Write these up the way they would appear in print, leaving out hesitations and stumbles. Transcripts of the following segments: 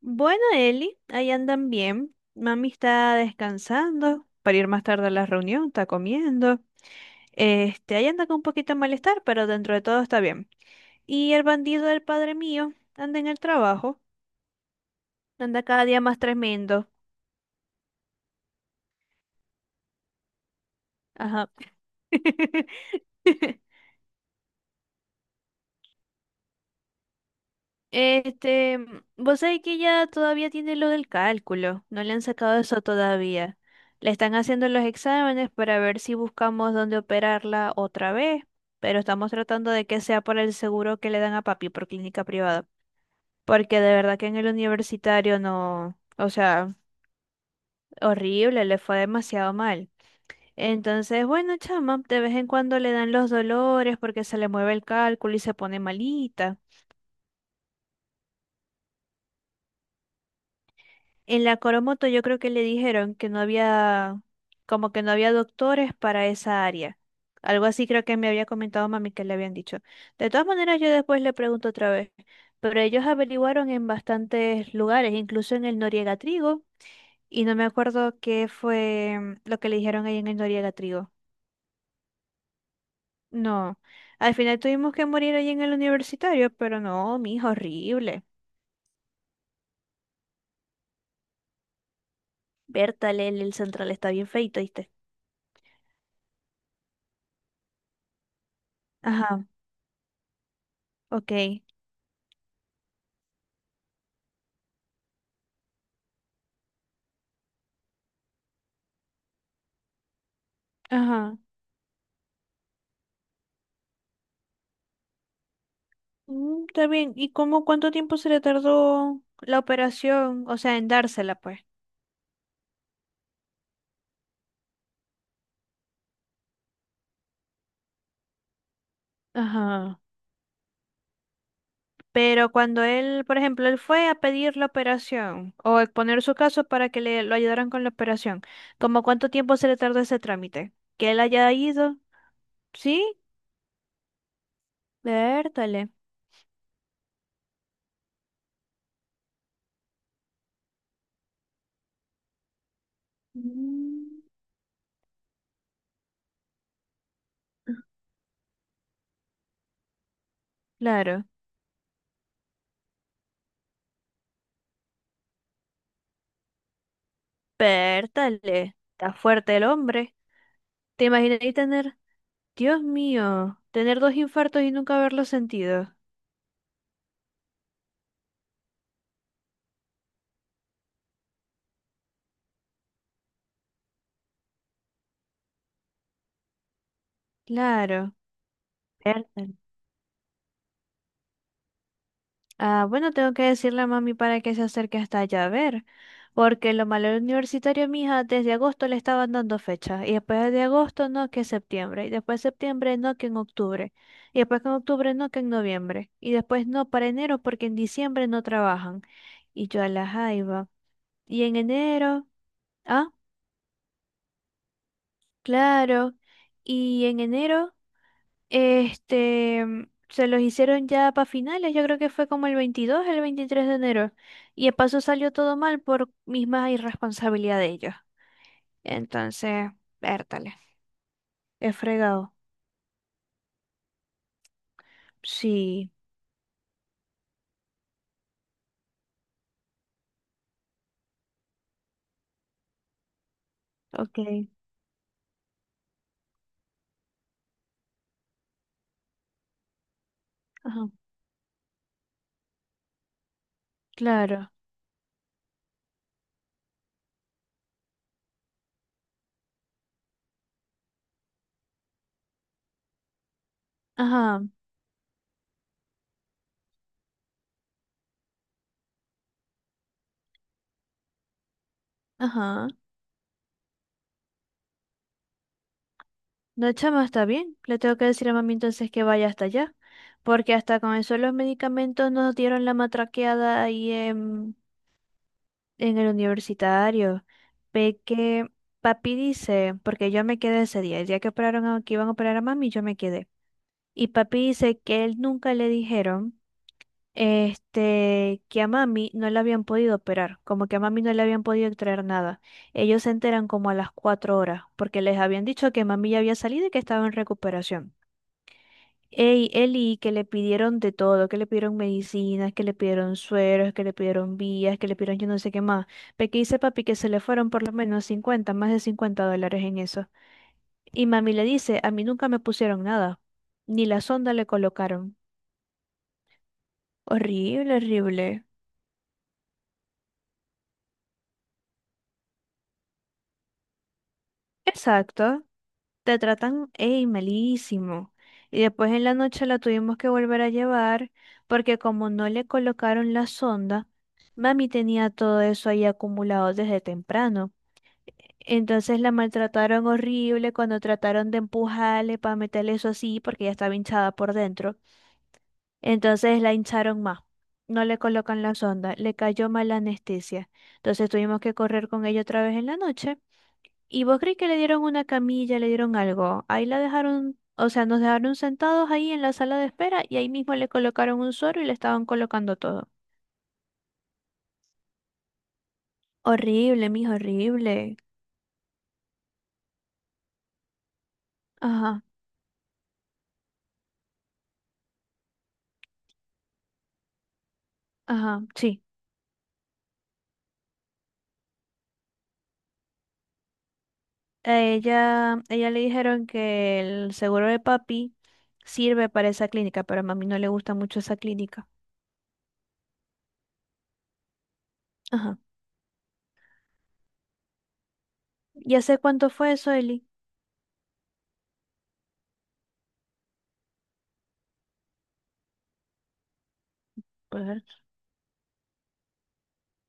Bueno, Eli, ahí andan bien. Mami está descansando para ir más tarde a la reunión, está comiendo. Este, ahí anda con un poquito de malestar, pero dentro de todo está bien. Y el bandido del padre mío anda en el trabajo, anda cada día más tremendo. Ajá. Este, vos sabés que ella todavía tiene lo del cálculo, no le han sacado eso todavía. Le están haciendo los exámenes para ver si buscamos dónde operarla otra vez, pero estamos tratando de que sea por el seguro que le dan a papi por clínica privada, porque de verdad que en el universitario no, o sea, horrible, le fue demasiado mal. Entonces, bueno, chama, de vez en cuando le dan los dolores porque se le mueve el cálculo y se pone malita. En la Coromoto yo creo que le dijeron que no había, como que no había doctores para esa área. Algo así creo que me había comentado mami que le habían dicho. De todas maneras, yo después le pregunto otra vez, pero ellos averiguaron en bastantes lugares, incluso en el Noriega Trigo, y no me acuerdo qué fue lo que le dijeron ahí en el Noriega Trigo. No, al final tuvimos que morir ahí en el universitario, pero no, mi hijo, horrible. Berta, el central está bien feito, ¿viste? Ajá, ok. Ajá. Mm. Está bien. ¿Y cómo cuánto tiempo se le tardó la operación? O sea, en dársela, pues. Ajá. Pero cuando él, por ejemplo, él fue a pedir la operación o a exponer su caso para que le lo ayudaran con la operación, ¿cómo cuánto tiempo se le tardó ese trámite? Que él haya ido, ¿sí? Vértale. Mm. Claro, vértale. Está fuerte el hombre. ¿Te imaginas ahí tener, Dios mío, tener dos infartos y nunca haberlo sentido? Claro, vértale. Ah, bueno, tengo que decirle a mami para que se acerque hasta allá a ver, porque lo malo del universitario, mija, desde agosto le estaban dando fecha, y después de agosto no, que septiembre, y después septiembre no, que en octubre, y después que en octubre no, que en noviembre, y después no para enero porque en diciembre no trabajan, y yo a la jaiba, y en enero, ah, claro, y en enero. Este, se los hicieron ya para finales, yo creo que fue como el 22, el 23 de enero. Y de paso salió todo mal por misma irresponsabilidad de ellos. Entonces, vértale, es fregado. Sí, ok, ajá, claro, ajá, ajá. No, chama, está bien. Le tengo que decir a mami entonces que vaya hasta allá. Porque hasta con eso los medicamentos nos dieron la matraqueada ahí en el universitario, ve que papi dice, porque yo me quedé ese día, el día que operaron a, que iban a operar a mami, yo me quedé. Y papi dice que él nunca le dijeron, este, que a mami no le habían podido operar, como que a mami no le habían podido extraer nada. Ellos se enteran como a las 4 horas, porque les habían dicho que mami ya había salido y que estaba en recuperación. Ey, Eli, que le pidieron de todo, que le pidieron medicinas, que le pidieron sueros, que le pidieron vías, que le pidieron yo no sé qué más. Pero que dice papi que se le fueron por lo menos 50, más de $50 en eso. Y mami le dice, a mí nunca me pusieron nada, ni la sonda le colocaron. Horrible, horrible. Exacto. Te tratan, ey, malísimo. Y después en la noche la tuvimos que volver a llevar porque como no le colocaron la sonda, mami tenía todo eso ahí acumulado desde temprano. Entonces la maltrataron horrible cuando trataron de empujarle para meterle eso así porque ya estaba hinchada por dentro. Entonces la hincharon más. No le colocan la sonda, le cayó mal la anestesia. Entonces tuvimos que correr con ella otra vez en la noche. ¿Y vos crees que le dieron una camilla, le dieron algo? Ahí la dejaron, o sea, nos dejaron sentados ahí en la sala de espera y ahí mismo le colocaron un suero y le estaban colocando todo. Horrible, mijo, horrible. Ajá, ajá, sí. A ella le dijeron que el seguro de papi sirve para esa clínica, pero a mami no le gusta mucho esa clínica. Ajá. ¿Ya sé cuánto fue eso, Eli? Pues,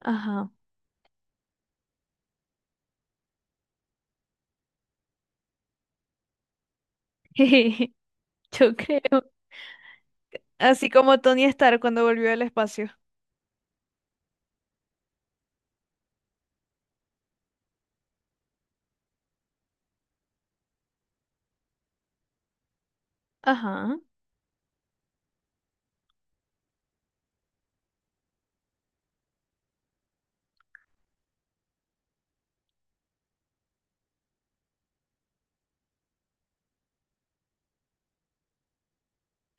ajá. Yo creo. Así como Tony Stark cuando volvió al espacio. Ajá.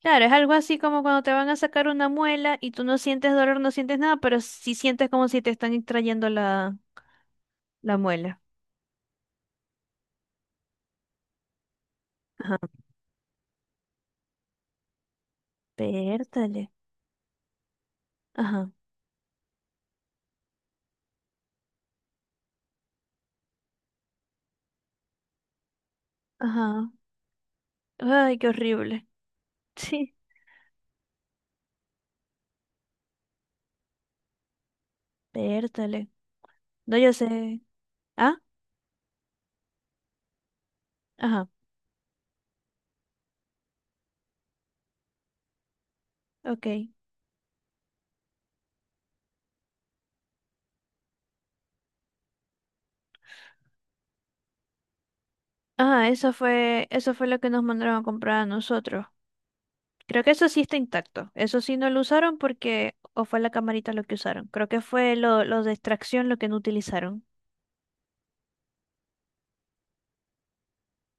Claro, es algo así como cuando te van a sacar una muela y tú no sientes dolor, no sientes nada, pero sí sientes como si te están extrayendo la, la muela. Ajá, pértale. Ajá, ajá. Ay, qué horrible. Sí, pértale. No, yo sé. Ah, ajá, ok. Ajá, eso fue lo que nos mandaron a comprar a nosotros. Creo que eso sí está intacto. Eso sí no lo usaron porque, o fue la camarita lo que usaron. Creo que fue lo de extracción lo que no utilizaron.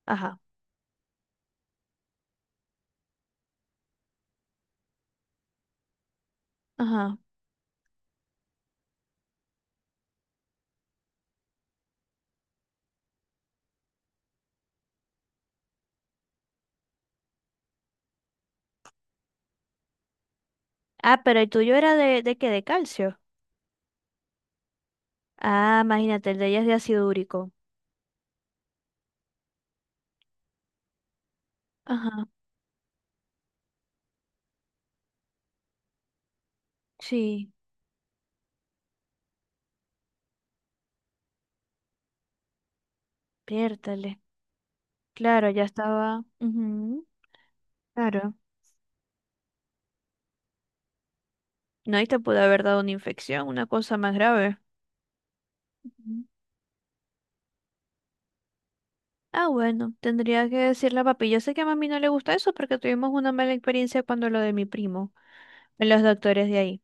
Ajá, ajá. Ah, pero el tuyo era de qué, de calcio. Ah, imagínate, el de ella es de ácido úrico. Ajá, sí. Piértale. Claro, ya estaba. Ujú, claro. No, y te pudo haber dado una infección, una cosa más grave. Ujú. Ah, bueno, tendría que decirle a papi. Yo sé que a mami no le gusta eso porque tuvimos una mala experiencia cuando lo de mi primo, en los doctores de ahí.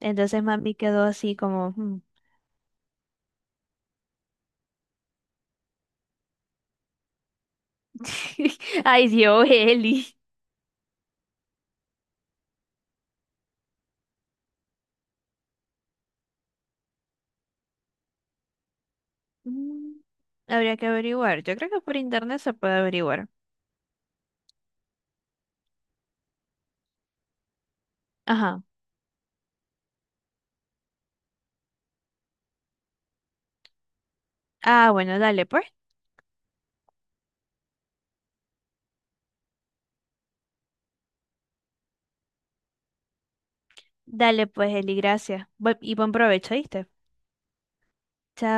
Entonces mami quedó así como, "Mm. Ay, Dios, Eli. mm, Habría que averiguar. Yo creo que por internet se puede averiguar. Ajá. Ah, bueno, dale pues. Dale pues, Eli, gracias. Bu- Y buen provecho, ¿viste? Chao.